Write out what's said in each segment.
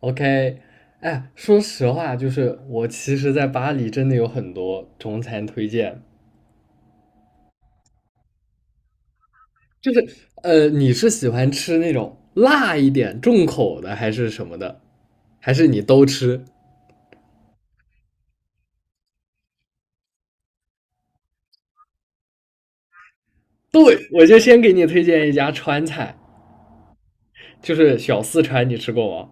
OK。哎，说实话，就是我其实，在巴黎真的有很多中餐推荐，就是你是喜欢吃那种辣一点、重口的，还是什么的，还是你都吃？对，我就先给你推荐一家川菜，就是小四川，你吃过吗？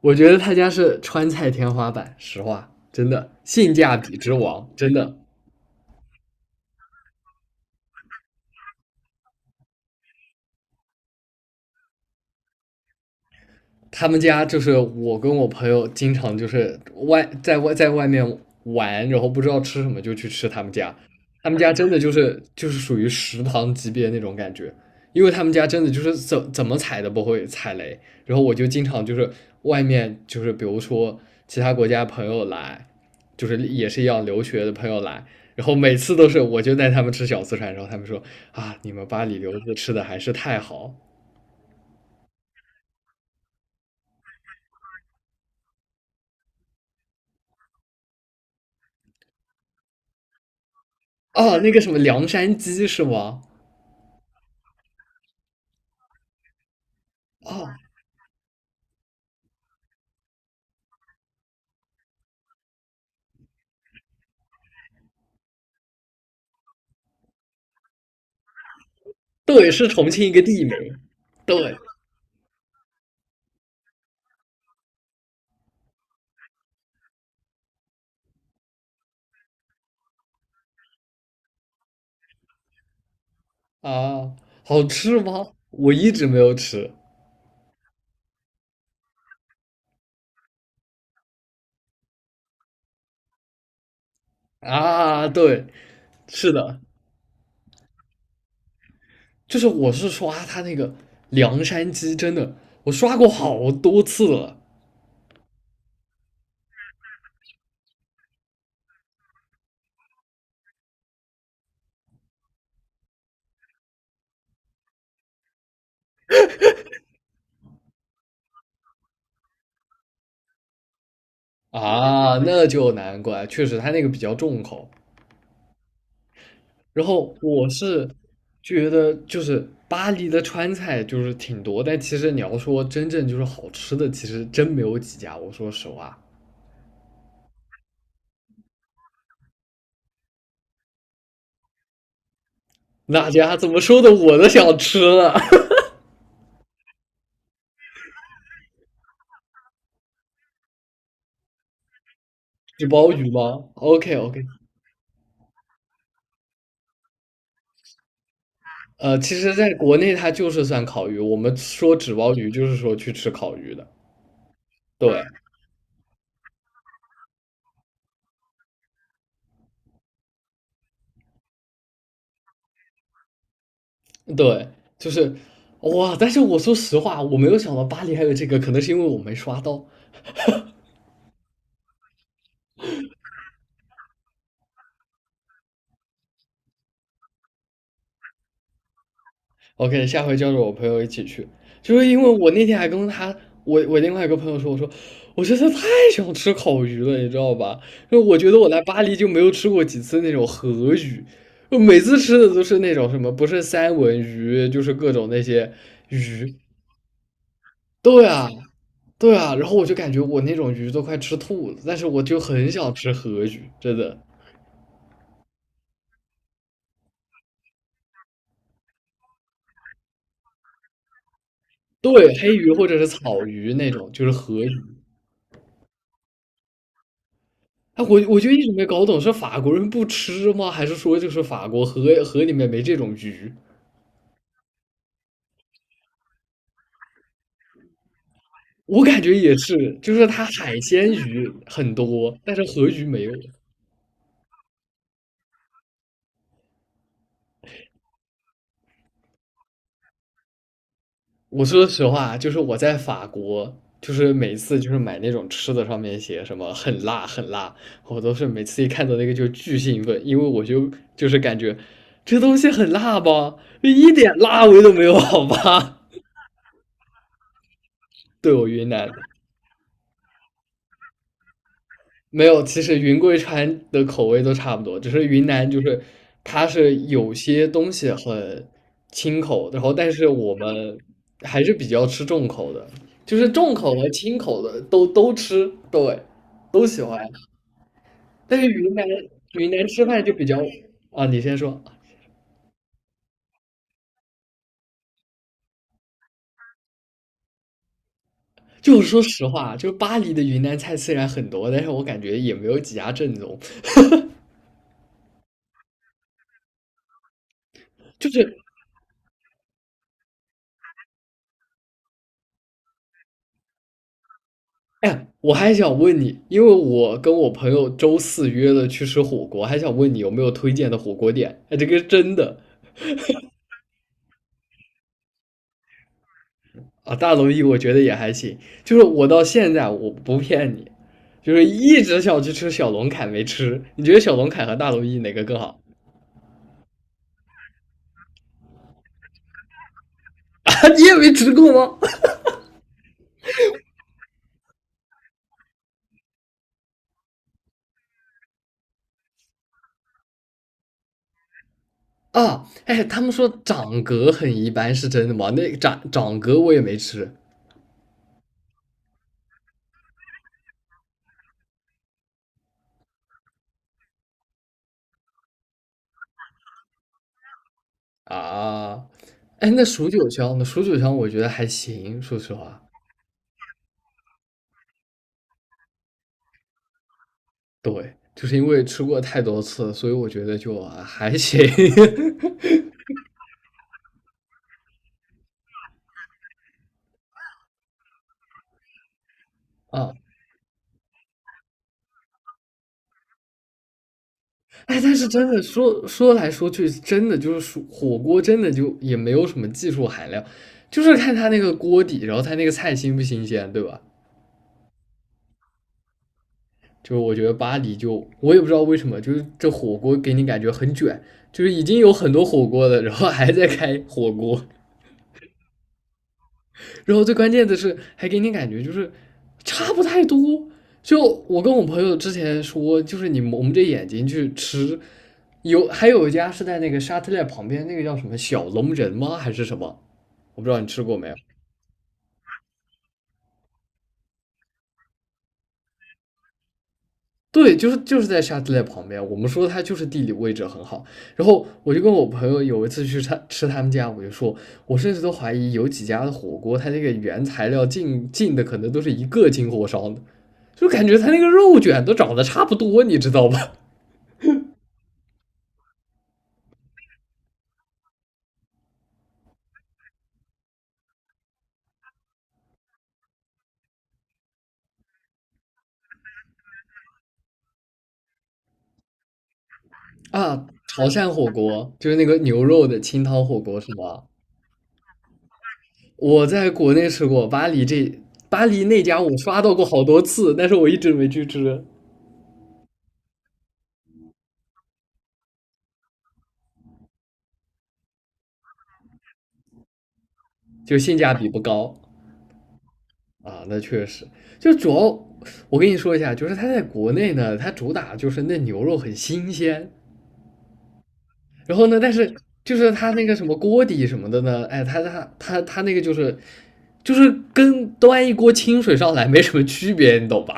我觉得他家是川菜天花板，实话，真的性价比之王，真的。他们家就是我跟我朋友经常就是外面玩，然后不知道吃什么就去吃他们家。他们家真的就是属于食堂级别那种感觉，因为他们家真的就是怎么踩都不会踩雷。然后我就经常就是外面就是比如说其他国家朋友来，就是也是一样留学的朋友来，然后每次都是我就带他们吃小四川，然后他们说啊，你们巴黎留子吃的还是太好啊，那个什么凉山鸡是吗？啊，对，是重庆一个地名。对啊，好吃吗？我一直没有吃啊。对，是的，就是我是刷它那个凉山鸡，真的，我刷过好多次了啊。那就难怪，确实它那个比较重口。然后我是觉得，就是巴黎的川菜就是挺多，但其实你要说真正就是好吃的，其实真没有几家。我说实话，那家怎么说的，我都想吃了。纸包鱼吗？OK OK。其实在国内它就是算烤鱼，我们说纸包鱼就是说去吃烤鱼的，对对，就是哇！但是我说实话，我没有想到巴黎还有这个，可能是因为我没刷到。OK,下回叫着我朋友一起去，就是因为我那天还跟他，我另外一个朋友说，我说我真的太想吃烤鱼了，你知道吧？因为我觉得我来巴黎就没有吃过几次那种河鱼，我每次吃的都是那种什么，不是三文鱼，就是各种那些鱼。对啊，对啊，然后我就感觉我那种鱼都快吃吐了，但是我就很想吃河鱼，真的。对，黑鱼或者是草鱼那种，就是河鱼。哎，我就一直没搞懂，是法国人不吃吗？还是说就是法国河里面没这种鱼？我感觉也是，就是它海鲜鱼很多，但是河鱼没有。我说实话啊，就是我在法国，就是每次就是买那种吃的，上面写什么很辣很辣，我都是每次一看到那个就巨兴奋，因为我就就是感觉这东西很辣吧，一点辣味都没有，好吧？对我云南。没有，其实云贵川的口味都差不多，只是云南就是它是有些东西很清口，然后但是我们还是比较吃重口的，就是重口和清口的都吃，对，都喜欢。但是云南云南吃饭就比较啊，你先说。就是说实话，就是巴黎的云南菜虽然很多，但是我感觉也没有几家正宗。就是哎呀我还想问你，因为我跟我朋友周四约了去吃火锅，还想问你有没有推荐的火锅店？哎，这个是真的啊，大龙燚我觉得也还行，就是我到现在我不骗你，就是一直想去吃小龙坎没吃。你觉得小龙坎和大龙燚哪个更好？啊，你也没吃过吗？啊，哎，他们说掌格很一般，是真的吗？那掌格我也没吃啊。哎，那蜀九香呢？蜀九香我觉得还行，说实话。对，就是因为吃过太多次，所以我觉得就啊还行 啊，哎，但是真的说说来说去，真的就是说火锅，真的就也没有什么技术含量，就是看它那个锅底，然后它那个菜新不新鲜，对吧？就是我觉得巴黎就我也不知道为什么，就是这火锅给你感觉很卷，就是已经有很多火锅了，然后还在开火锅。然后最关键的是，还给你感觉就是差不太多。就我跟我朋友之前说，就是你蒙着眼睛去吃，有还有一家是在那个沙特列旁边，那个叫什么小龙人吗？还是什么？我不知道你吃过没有。对，就是在沙特列旁边，我们说它就是地理位置很好。然后我就跟我朋友有一次去他吃他们家，我就说，我甚至都怀疑有几家的火锅，它这个原材料进的可能都是一个进火烧的，就感觉他那个肉卷都长得差不多，你知道吧？啊，潮汕火锅就是那个牛肉的清汤火锅是吗？我在国内吃过，巴黎那家我刷到过好多次，但是我一直没去吃，就性价比不高啊。那确实，就主要我跟你说一下，就是它在国内呢，它主打就是那牛肉很新鲜，然后呢，但是就是他那个什么锅底什么的呢，哎，他那个就是跟端一锅清水上来没什么区别，你懂吧？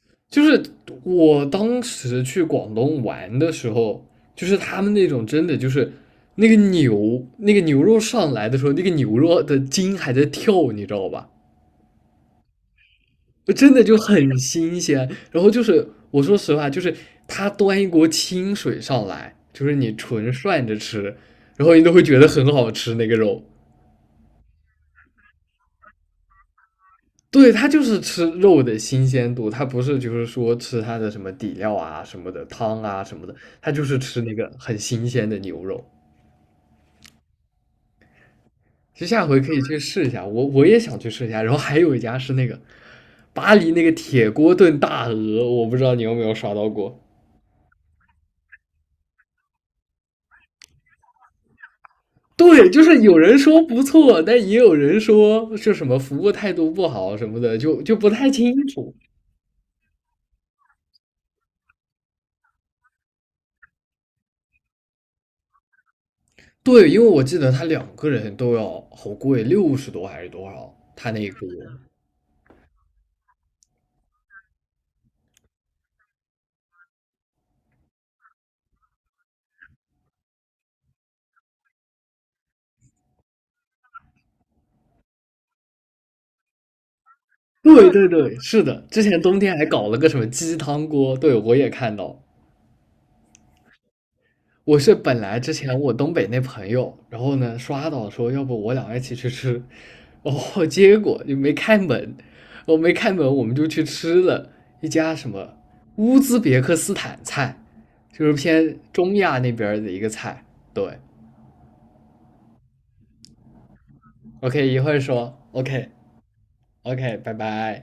就是我当时去广东玩的时候，就是他们那种真的就是那个牛肉上来的时候，那个牛肉的筋还在跳，你知道吧？真的就很新鲜。然后就是我说实话，就是他端一锅清水上来，就是你纯涮着吃，然后你都会觉得很好吃那个肉。对，他就是吃肉的新鲜度，他不是就是说吃它的什么底料啊、什么的汤啊什么的，他就是吃那个很新鲜的牛肉。其实下回可以去试一下，我也想去试一下。然后还有一家是那个巴黎那个铁锅炖大鹅，我不知道你有没有刷到过。对，就是有人说不错，但也有人说就什么服务态度不好什么的，就不太清楚。对，因为我记得他两个人都要好贵，60多还是多少？他那一锅。对对对，是的，之前冬天还搞了个什么鸡汤锅，对，我也看到。我是本来之前我东北那朋友，然后呢刷到说要不我俩一起去吃，然后结果就没开门，我没开门我们就去吃了一家什么乌兹别克斯坦菜，就是偏中亚那边儿的一个菜。对，OK,一会儿说OK，OK，拜拜。